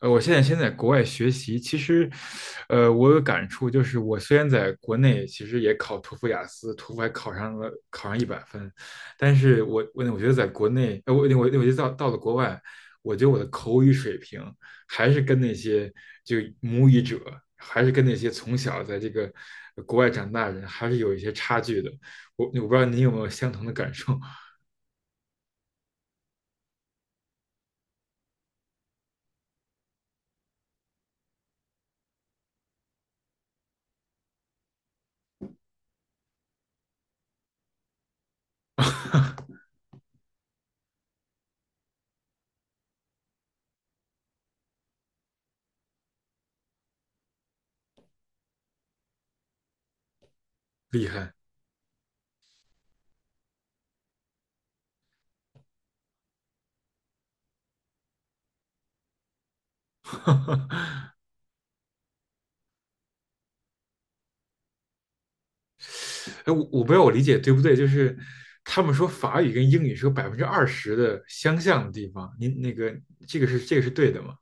我现在先在国外学习，其实，我有感触，就是我虽然在国内其实也考托福、雅思，托福还考上了，考上100分，但是我觉得在国内，我觉得到了国外，我觉得我的口语水平还是跟那些就母语者，还是跟那些从小在这个国外长大的人，还是有一些差距的。我不知道你有没有相同的感受，厉害。哎，我不知道我理解对不对，就是他们说法语跟英语是有20%的相像的地方，您那个这个是对的吗？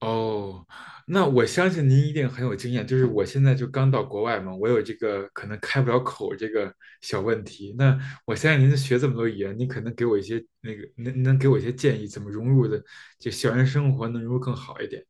哦，那我相信您一定很有经验，就是我现在就刚到国外嘛，我有这个可能开不了口这个小问题。那我相信您学这么多语言，您可能给我一些那个能给我一些建议，怎么融入的就校园生活能融入更好一点。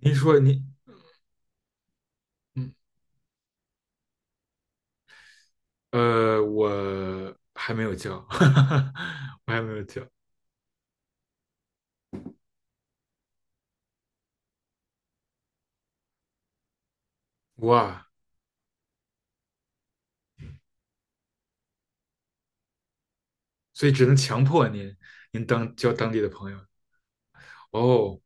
您说您，嗯，我还没有教，我还没有教，哇。所以只能强迫您交当地的朋友。哦，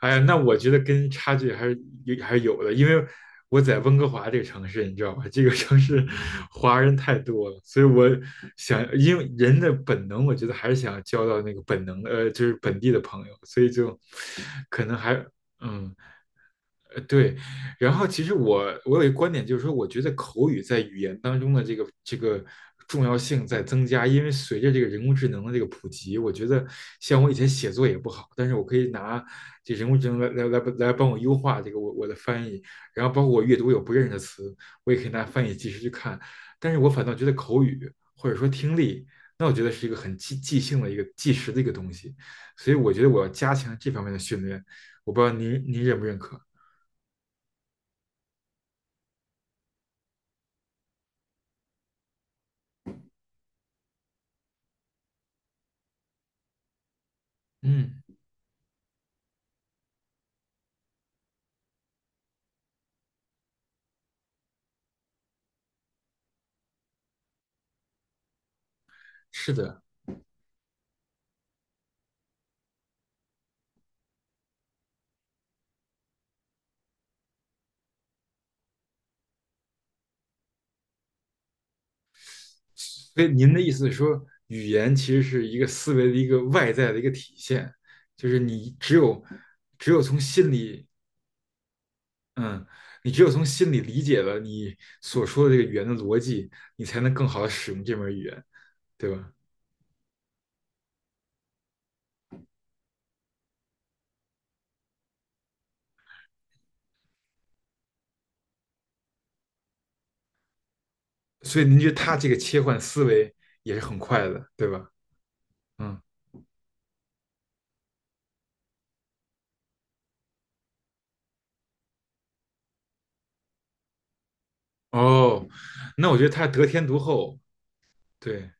哎呀，那我觉得跟差距还是有的，因为我在温哥华这个城市，你知道吧？这个城市华人太多了，所以我想，因为人的本能，我觉得还是想要交到那个本能的，就是本地的朋友，所以就可能还嗯。对，然后其实我有一个观点，就是说，我觉得口语在语言当中的这个重要性在增加，因为随着这个人工智能的这个普及，我觉得像我以前写作也不好，但是我可以拿这人工智能来帮我优化这个我的翻译，然后包括我阅读有不认识的词，我也可以拿翻译即时去看，但是我反倒觉得口语或者说听力，那我觉得是一个很即兴的一个即时的一个东西，所以我觉得我要加强这方面的训练，我不知道您认不认可。嗯，是的，所以您的意思是说，语言其实是一个思维的一个外在的一个体现，就是你只有从心里，嗯，你只有从心里理解了你所说的这个语言的逻辑，你才能更好的使用这门语言，对吧？所以您觉得他这个切换思维也是很快的，对吧？嗯，哦，那我觉得他得天独厚，对。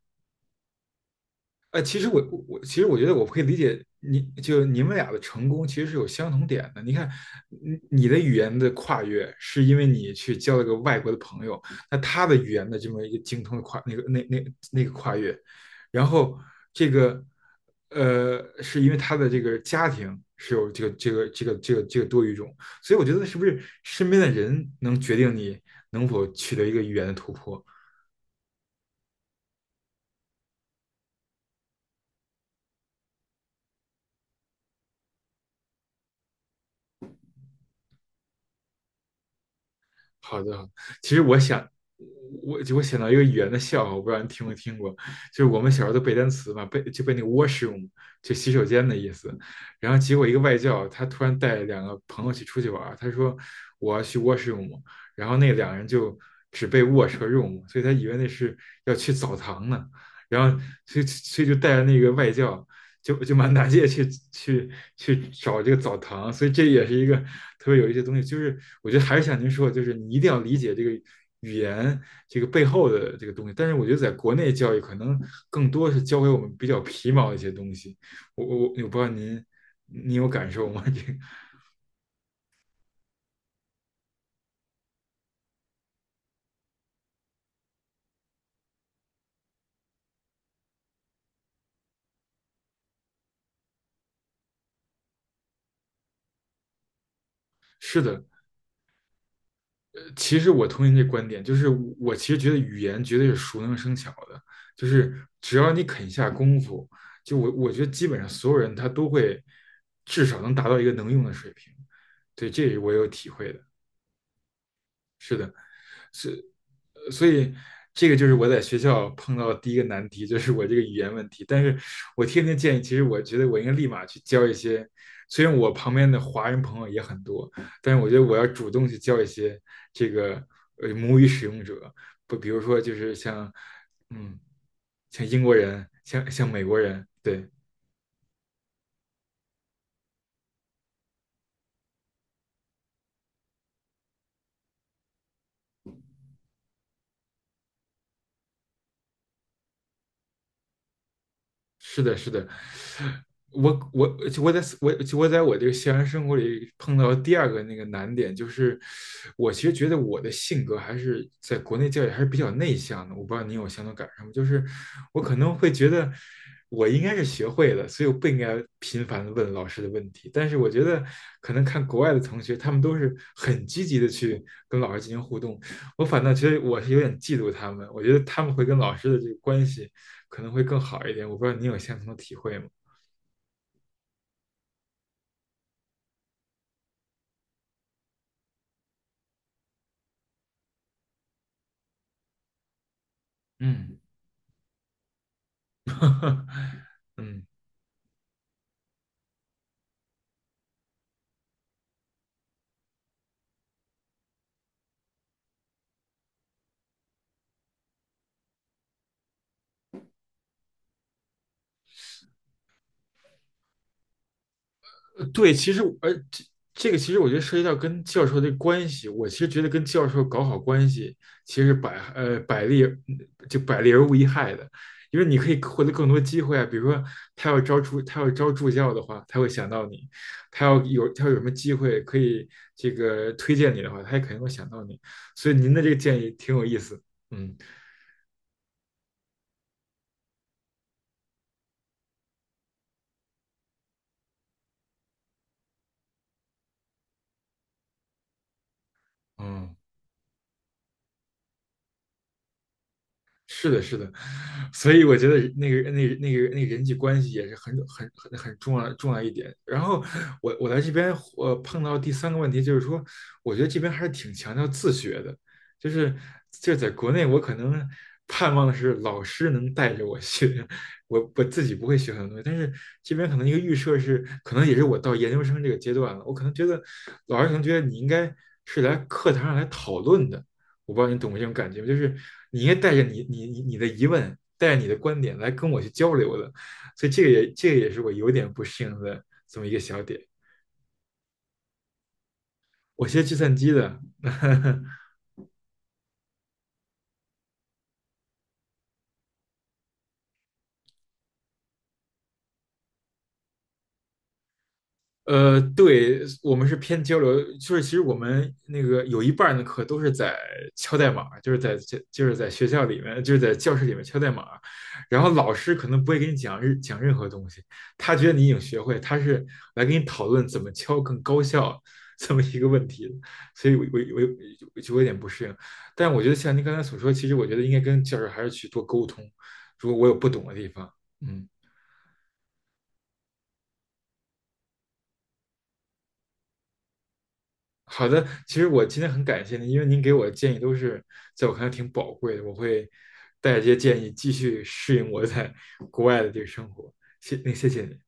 其实我觉得我可以理解你，就你们俩的成功其实是有相同点的。你看，你的语言的跨越是因为你去交了个外国的朋友，那他的语言的这么一个精通的跨那个那那那个跨越，然后这个是因为他的这个家庭是有这个多语种，所以我觉得是不是身边的人能决定你能否取得一个语言的突破？好的，好的其实我想，我想到一个语言的笑话，我不知道你听没听过，就是我们小时候都背单词嘛，背就背那个 washroom,就洗手间的意思。然后结果一个外教，他突然带两个朋友去出去玩儿他说我要去 washroom,然后那两个人就只背 wash 和 room,所以他以为那是要去澡堂呢，然后所以就带着那个外教。就满大街去去找这个澡堂，所以这也是一个特别有一些东西，就是我觉得还是像您说，的，就是你一定要理解这个语言这个背后的这个东西。但是我觉得在国内教育可能更多是教给我们比较皮毛的一些东西。我不知道您有感受吗？这个是的，其实我同意您这观点，就是我其实觉得语言绝对是熟能生巧的，就是只要你肯下功夫，就我觉得基本上所有人他都会至少能达到一个能用的水平。对，这是我有体会的。是的。是，所以这个就是我在学校碰到的第一个难题，就是我这个语言问题。但是我天天建议，其实我觉得我应该立马去交一些，虽然我旁边的华人朋友也很多，但是我觉得我要主动去交一些这个母语使用者，不，比如说就是像嗯，像英国人，像美国人，对。是的，是的，我在我这个校园生活里碰到第二个那个难点，就是我其实觉得我的性格还是在国内教育还是比较内向的，我不知道你有相同感受吗？就是我可能会觉得我应该是学会了，所以我不应该频繁的问老师的问题，但是我觉得可能看国外的同学，他们都是很积极的去跟老师进行互动，我反倒觉得我是有点嫉妒他们，我觉得他们会跟老师的这个关系。可能会更好一点。我不知道您有相同的体会吗？嗯 嗯，对，其实而这个其实我觉得涉及到跟教授的关系，我其实觉得跟教授搞好关系，其实百呃百利就百利而无一害的，因为你可以获得更多机会啊。比如说他要招助教的话，他会想到你；他要有什么机会可以这个推荐你的话，他也肯定会想到你。所以您的这个建议挺有意思，嗯。嗯，是的，是的，所以我觉得那个人际关系也是很重要一点。然后我来这边我碰到第三个问题就是说，我觉得这边还是挺强调自学的，就是就是在国内我可能盼望的是老师能带着我学，我自己不会学很多东西，但是这边可能一个预设是，可能也是我到研究生这个阶段了，我可能觉得老师可能觉得你应该是来课堂上来讨论的。我不知道你懂不懂这种感觉就是你应该带着你的疑问，带着你的观点来跟我去交流的，所以这个也是我有点不适应的这么一个小点。我学计算机的，呵呵对，我们是偏交流，就是其实我们那个有一半儿的课都是在敲代码，就是在就就是在学校里面，就是在教室里面敲代码，然后老师可能不会给你讲任何东西，他觉得你已经学会，他是来跟你讨论怎么敲更高效这么一个问题的。所以我就有点不适应，但我觉得像您刚才所说，其实我觉得应该跟教授还是去多沟通，如果我有不懂的地方，嗯。好的，其实我今天很感谢您，因为您给我的建议都是在我看来挺宝贵的，我会带着这些建议继续适应我在国外的这个生活。谢谢你。